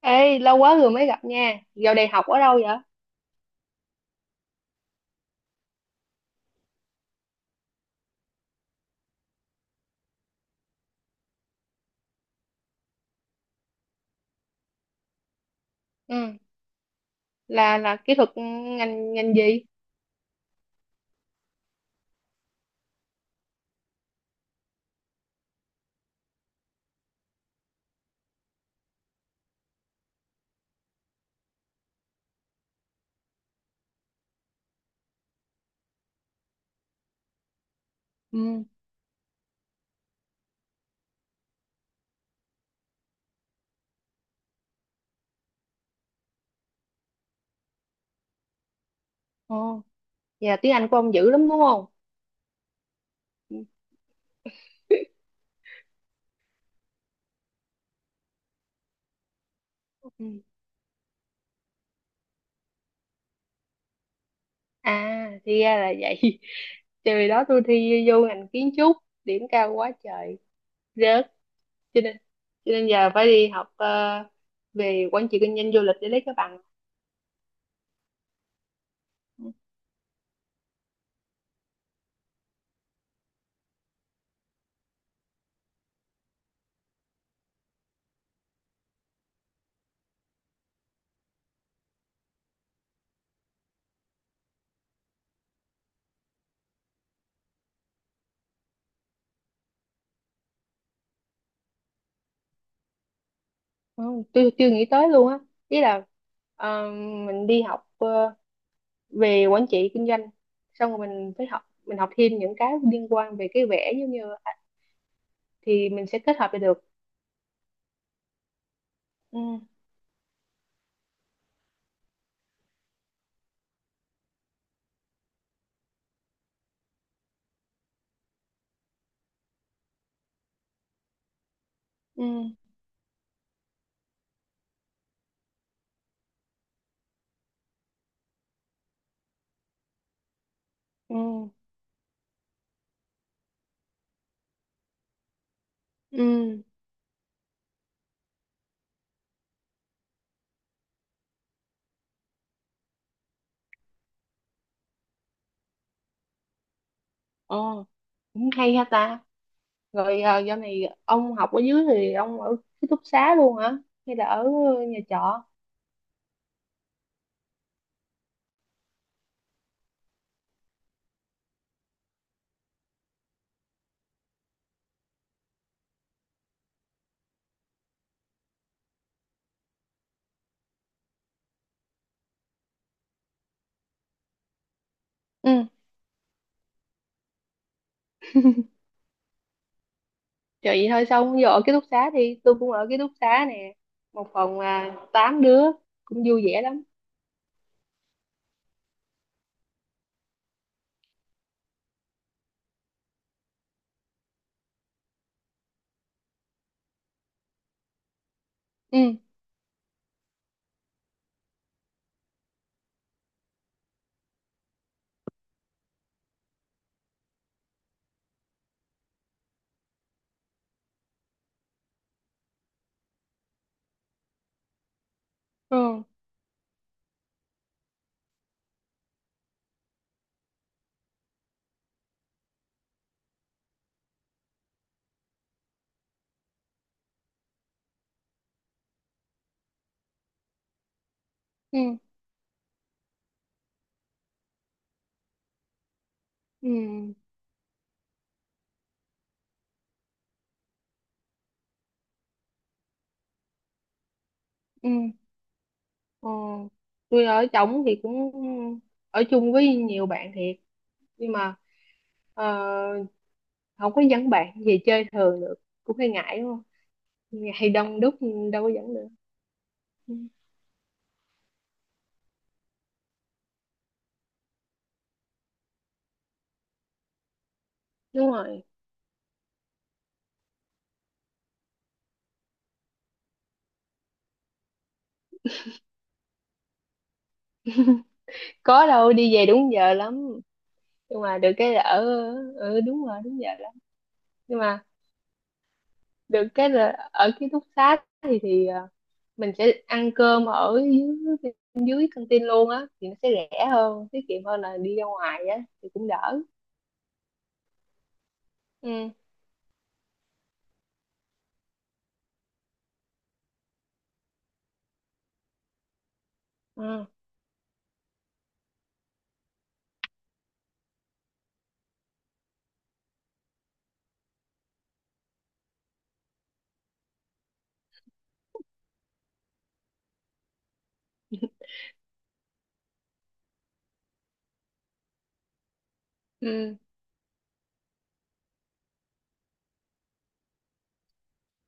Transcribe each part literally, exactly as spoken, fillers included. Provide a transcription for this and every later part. Ê, lâu quá rồi mới gặp nha. Dạo này học ở đâu vậy? Ừ, là là kỹ thuật ngành ngành gì? Ừ, ồ, vậy là tiếng Anh của ông dữ lắm đúng không? Ừ. Ừ. À, thì ra là vậy. Trời đó tôi thi vô ngành kiến trúc, điểm cao quá trời, rớt. Cho nên cho nên giờ phải đi học ờ, về quản trị kinh doanh du lịch để lấy cái bằng. Ừ, tôi chưa nghĩ tới luôn á. Ý là ờ, mình đi học ờ, về quản trị kinh doanh, xong rồi mình phải học, mình học thêm những cái liên quan về cái vẽ giống như, thì mình sẽ kết hợp lại được. Ừ. Ừ. Ừ. Ừ. Ồ, cũng hay ha ta. Rồi à, giờ này ông học ở dưới thì ông ở ký túc xá luôn hả, hay là ở nhà trọ? Ừ. Trời, vậy thôi. Xong giờ ở ký túc xá thì tôi cũng ở ký túc xá nè, một phòng à, tám đứa, cũng vui vẻ lắm. Ừ. Ừ. Ừ. Ừ. Ừ. Ờ, tôi ở trỏng thì cũng ở chung với nhiều bạn thiệt, nhưng mà ờ, không có dẫn bạn về chơi thường được, cũng hơi ngại đúng không, hay đông đúc, đâu có dẫn được. Ừ, đúng rồi. Có đâu, đi về đúng giờ lắm. Nhưng mà được cái là ở, ừ, đúng rồi, đúng giờ lắm. Nhưng mà được cái là ở ký túc xá thì thì à, mình sẽ ăn cơm ở dưới dưới căng tin luôn á, thì nó sẽ rẻ hơn, tiết kiệm hơn là đi ra ngoài á, thì cũng đỡ. Ừ. Ờ. Ừ.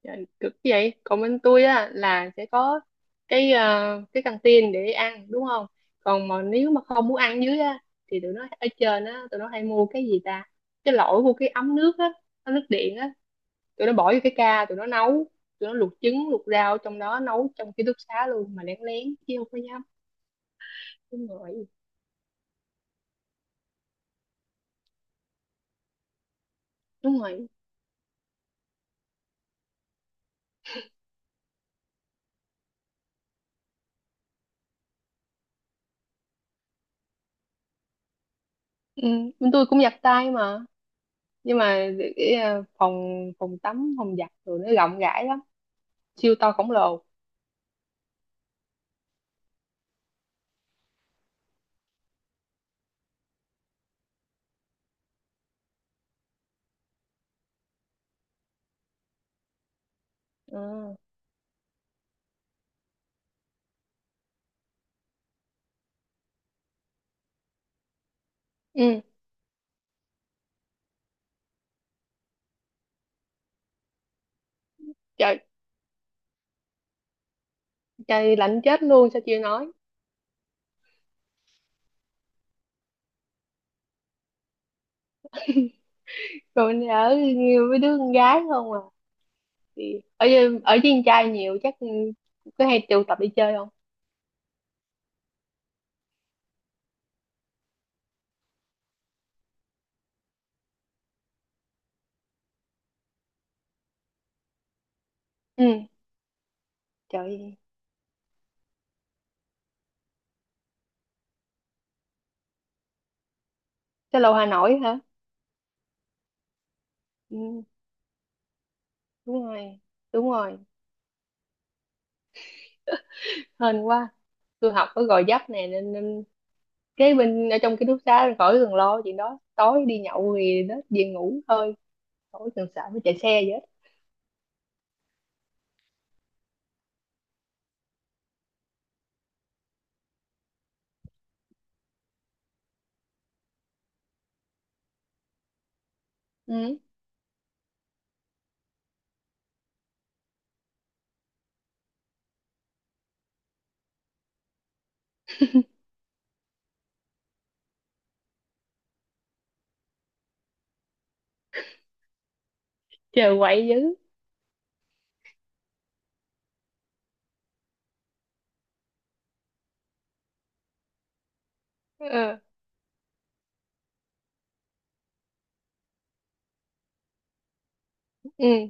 Trời, cực vậy. Còn bên tôi á là sẽ có cái ờ, cái căng tin để ăn đúng không. Còn mà nếu mà không muốn ăn dưới á, thì tụi nó ở trên á tụi nó hay mua cái gì ta, cái lỗi mua cái ấm nước á, ấm nước điện á, tụi nó bỏ vô cái ca tụi nó nấu, tụi nó luộc trứng luộc rau trong đó, nấu trong ký túc xá luôn mà lén lén chứ không có dám. Đúng rồi. Đúng rồi. Ừ. Bên tôi cũng giặt tay mà, nhưng mà cái ờ, phòng phòng tắm, phòng giặt tụi nó rộng rãi lắm, siêu to khổng lồ. Ừ. Ừ. Trời, trời lạnh chết luôn sao chưa nói. Rồi mình ở nhiều với đứa con gái không à? Thì ở với- ở với con trai nhiều chắc cứ hay tụ tập đi chơi không? Ừ. Trời, sao lâu Hà Nội hả? Ừ, đúng rồi. Đúng rồi. Hên quá, tôi học ở Gò Vấp nè, nên, nên cái bên ở trong ký túc xá khỏi cần lo chuyện đó, tối đi nhậu thì đó về ngủ thôi, khỏi cần sợ phải chạy xe vậy hết. Ừ. Chờ quậy dữ. Ừ. Ừ.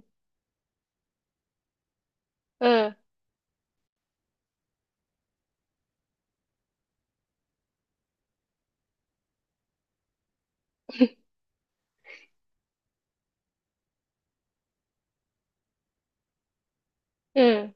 Ừ. Ừ.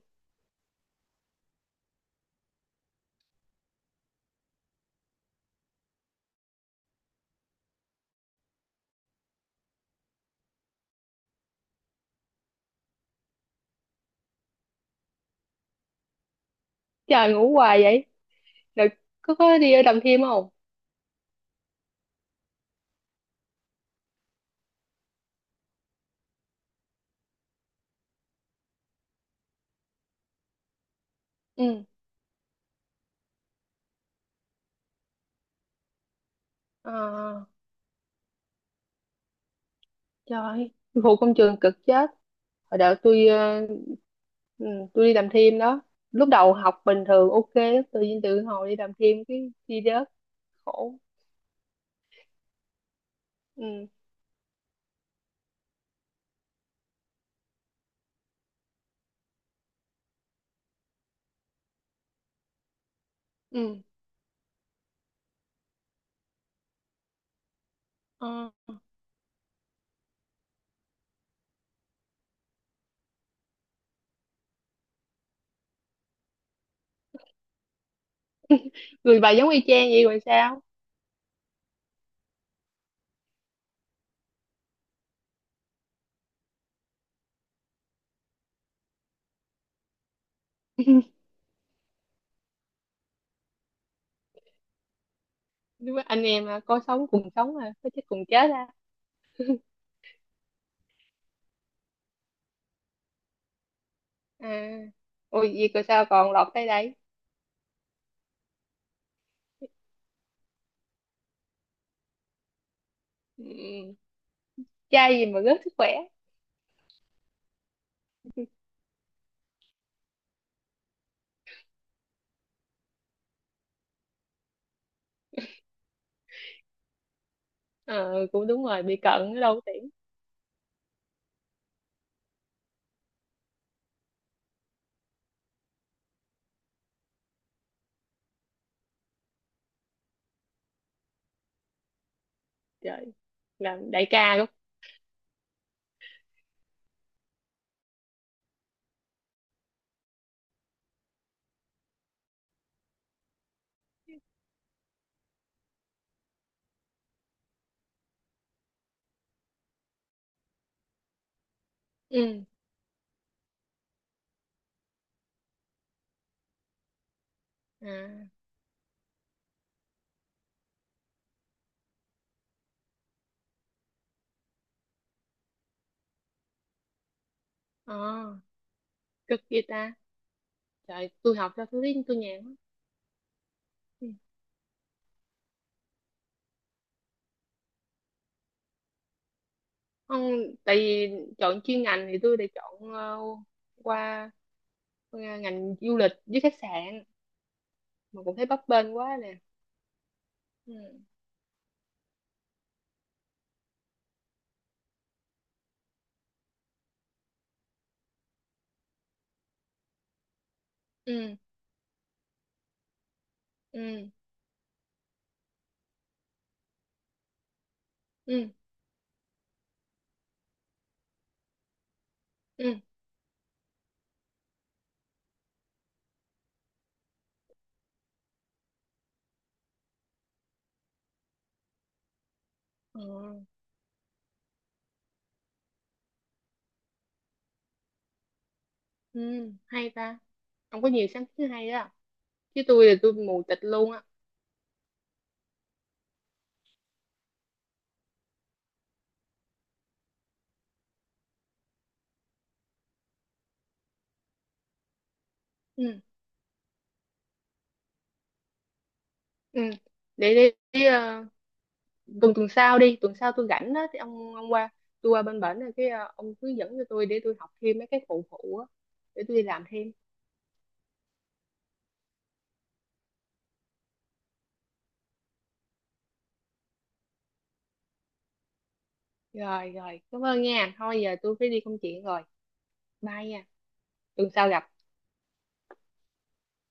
Trời, ngủ hoài vậy. Rồi có có đi ở đầm thêm không? Ừ. À, trời, phụ công trường cực chết. Hồi đợt tôi ờ, ừ, tôi đi đầm thêm đó, lúc đầu học bình thường ok, tự nhiên tự hồi đi đầm thêm cái đi rớt, khổ. Ừ. Ừ. Ờ. Người bà giống y chang vậy rồi sao. Đúng rồi, anh em à, có sống cùng sống à, có chết cùng chết à. À, ôi gì cơ, sao còn lọt tới đây? Ừ. Trai gì mà rớt sức khỏe. Ờ, cũng đúng rồi, bị cận ở đâu có tiễn. Trời, làm đại ca luôn. Ừ. À. Ờ, cực vậy ta. Trời, tôi học ra tôi thấy tôi nhàn lắm. Ừ. Không, tại vì chọn chuyên ngành thì tôi đã chọn ờ, qua, qua ngành du lịch với khách sạn, mà cũng thấy bấp bênh quá nè. Ừ. Ừ. Ừ. Ừ. Ừ. Ờ, ừ, hay ta, không có nhiều sáng kiến hay đó, chứ tôi là tôi mù tịt luôn á. Ừ. Ừ. Để đi, tuần tuần sau đi, tuần sau tôi rảnh á thì ông ông qua, tôi qua bên bển rồi cái ờ, ông hướng dẫn cho tôi để tôi học thêm mấy cái phụ phụ á, để tôi đi làm thêm. Rồi rồi, cảm ơn nha, thôi giờ tôi phải đi công chuyện rồi, bye nha, tuần sau gặp.